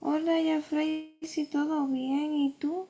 Hola, Jeffrey, si todo bien, ¿y tú?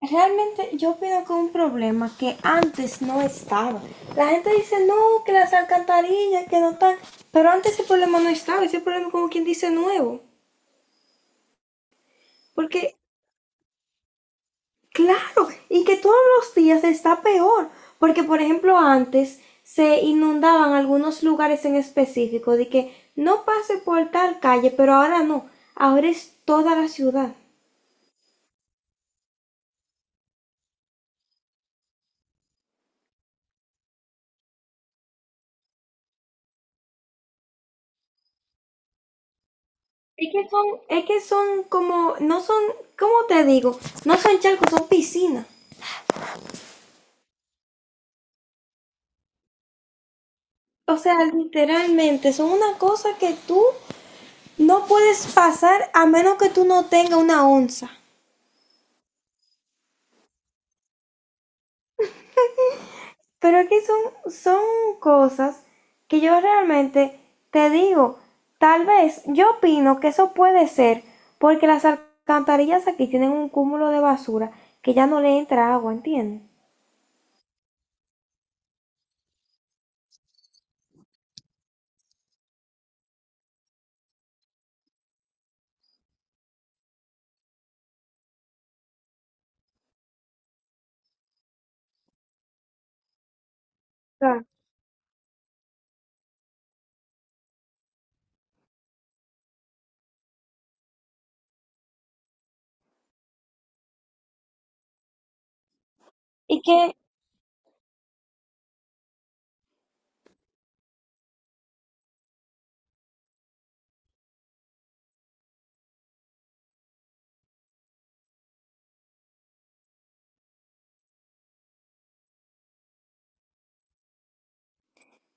Realmente yo opino que es un problema que antes no estaba. La gente dice, no, que las alcantarillas, que no están. Pero antes ese problema no estaba, ese problema como quien dice nuevo. Porque, claro, y que todos los días está peor. Porque, por ejemplo, antes se inundaban algunos lugares en específico de que no pase por tal calle, pero ahora no. Ahora es toda la ciudad. Es que son como, no son, ¿cómo te digo? No son charcos, son piscinas. O sea, literalmente, son una cosa que tú no puedes pasar a menos que tú no tengas una onza. Pero es que son cosas que yo realmente te digo, tal vez yo opino que eso puede ser porque las alcantarillas aquí tienen un cúmulo de basura que ya no le entra agua, ¿entiendes? Claro. Y que…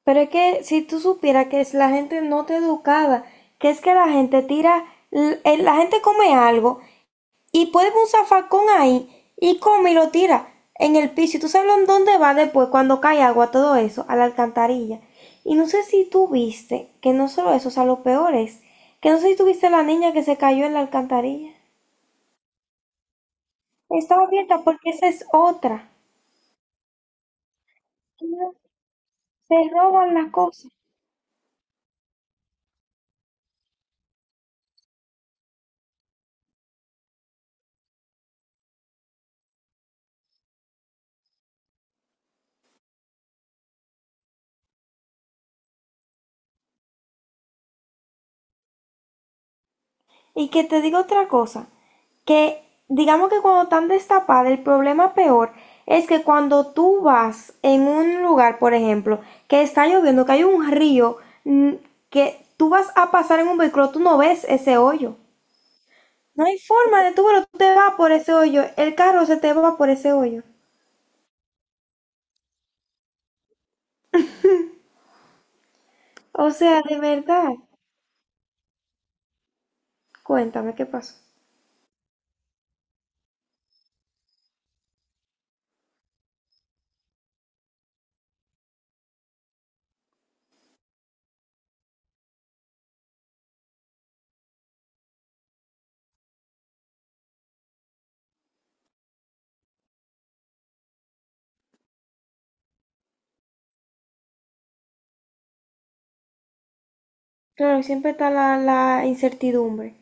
Pero es que si tú supieras que es la gente no te educada, que es que la gente tira, la gente come algo y puede ver un zafacón ahí y come y lo tira en el piso. Y tú sabes en dónde va después cuando cae agua, todo eso, a la alcantarilla. Y no sé si tú viste, que no solo eso, o sea, lo peor es, que no sé si tú viste la niña que se cayó en la alcantarilla. Estaba abierta, porque esa es otra. Se roban las cosas. Y que te digo otra cosa, que digamos que cuando están destapadas, el problema peor es que cuando tú vas en un lugar, por ejemplo, que está lloviendo, que hay un río, mm, que tú vas a pasar en un vehículo, tú no ves ese hoyo. No hay forma de tú, pero tú te vas por ese hoyo, el carro se te va por ese hoyo. O sea, de verdad, cuéntame qué pasó. Claro, siempre está la incertidumbre.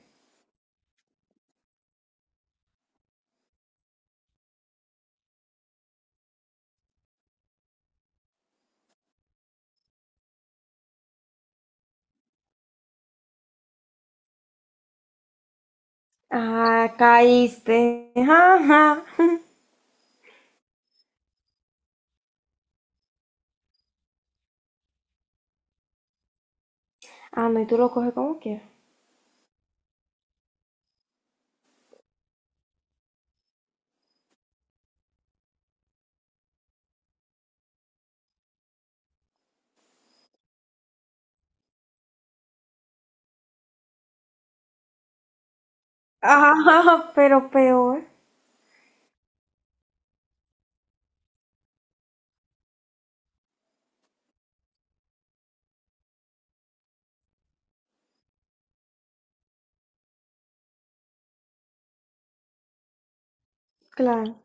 Ah, caíste. Ajá. Ah, no, y tú lo coges como quieras. Ajá, pero peor, claro.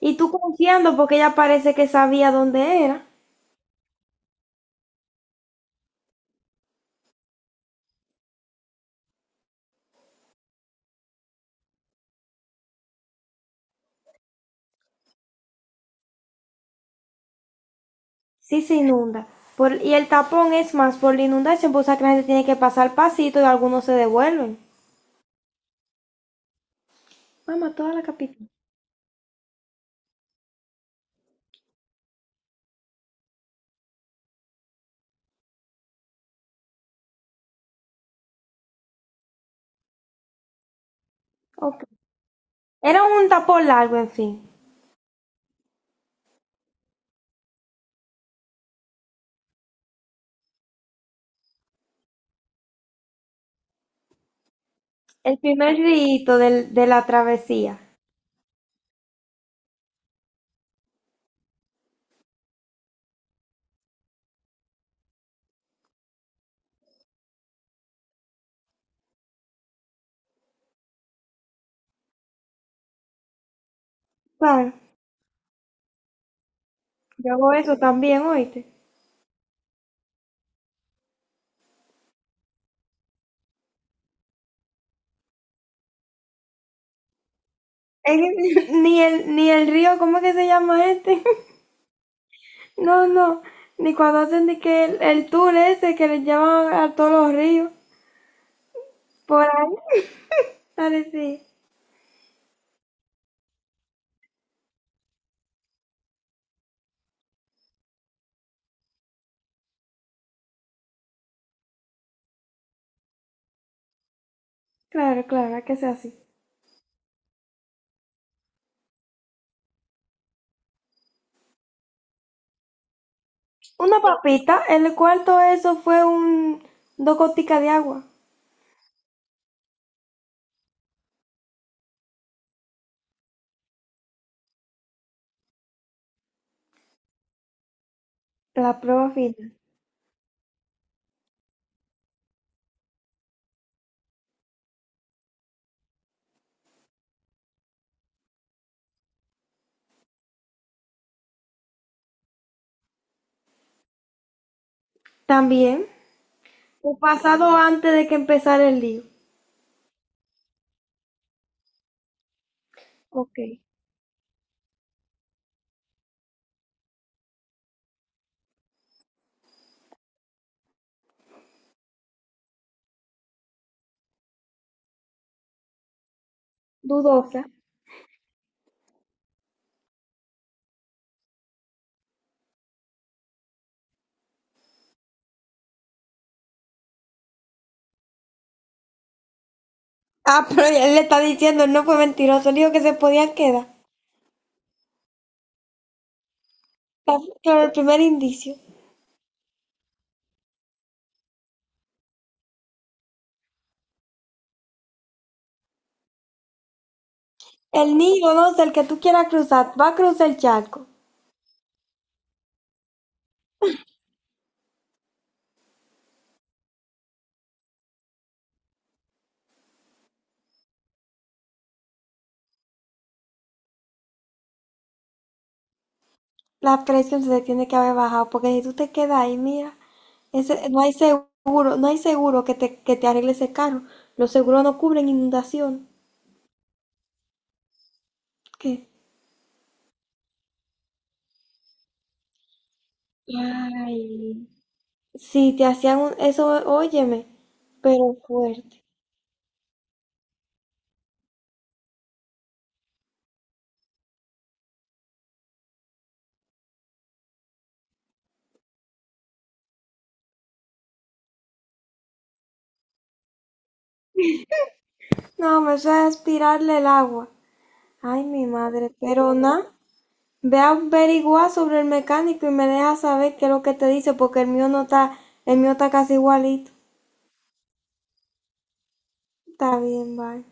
Y tú confiando porque ella parece que sabía dónde era. Sí se inunda. Por- y el tapón es más por la inundación, pues o sea que la gente tiene que pasar pasito y algunos se devuelven. Mamá, toda la capital. Ok. Era un tapón largo, en fin. El primer rito del, de la travesía. Claro, yo hago eso también, oíste. Es que ni el río, ¿cómo es que se llama este? No, no, ni cuando hacen de que el tour ese que les llevan a todos los ríos, por ahí. Dale, sí. Claro, claro, hay que sea así. Una papita, el cuarto eso fue un dos goticas de agua. La prueba final. También, un pasado antes de que empezara el lío. Ok, dudosa. Ah, pero él le está diciendo, él no fue mentiroso, él dijo que se podían quedar. Está claro, el primer indicio. El niño, no sé, el que tú quieras cruzar, va a cruzar el charco. La presión se te tiene que haber bajado, porque si tú te quedas ahí, mira, ese, no hay seguro, no hay seguro que te arregle ese carro. Los seguros no cubren inundación. ¿Qué? Ay, si te hacían un- eso, óyeme, pero fuerte. No, me suena aspirarle el agua. Ay, mi madre, pero nada. Ve a averiguar sobre el mecánico y me deja saber qué es lo que te dice, porque el mío no está, el mío está casi igualito. Está bien, bye.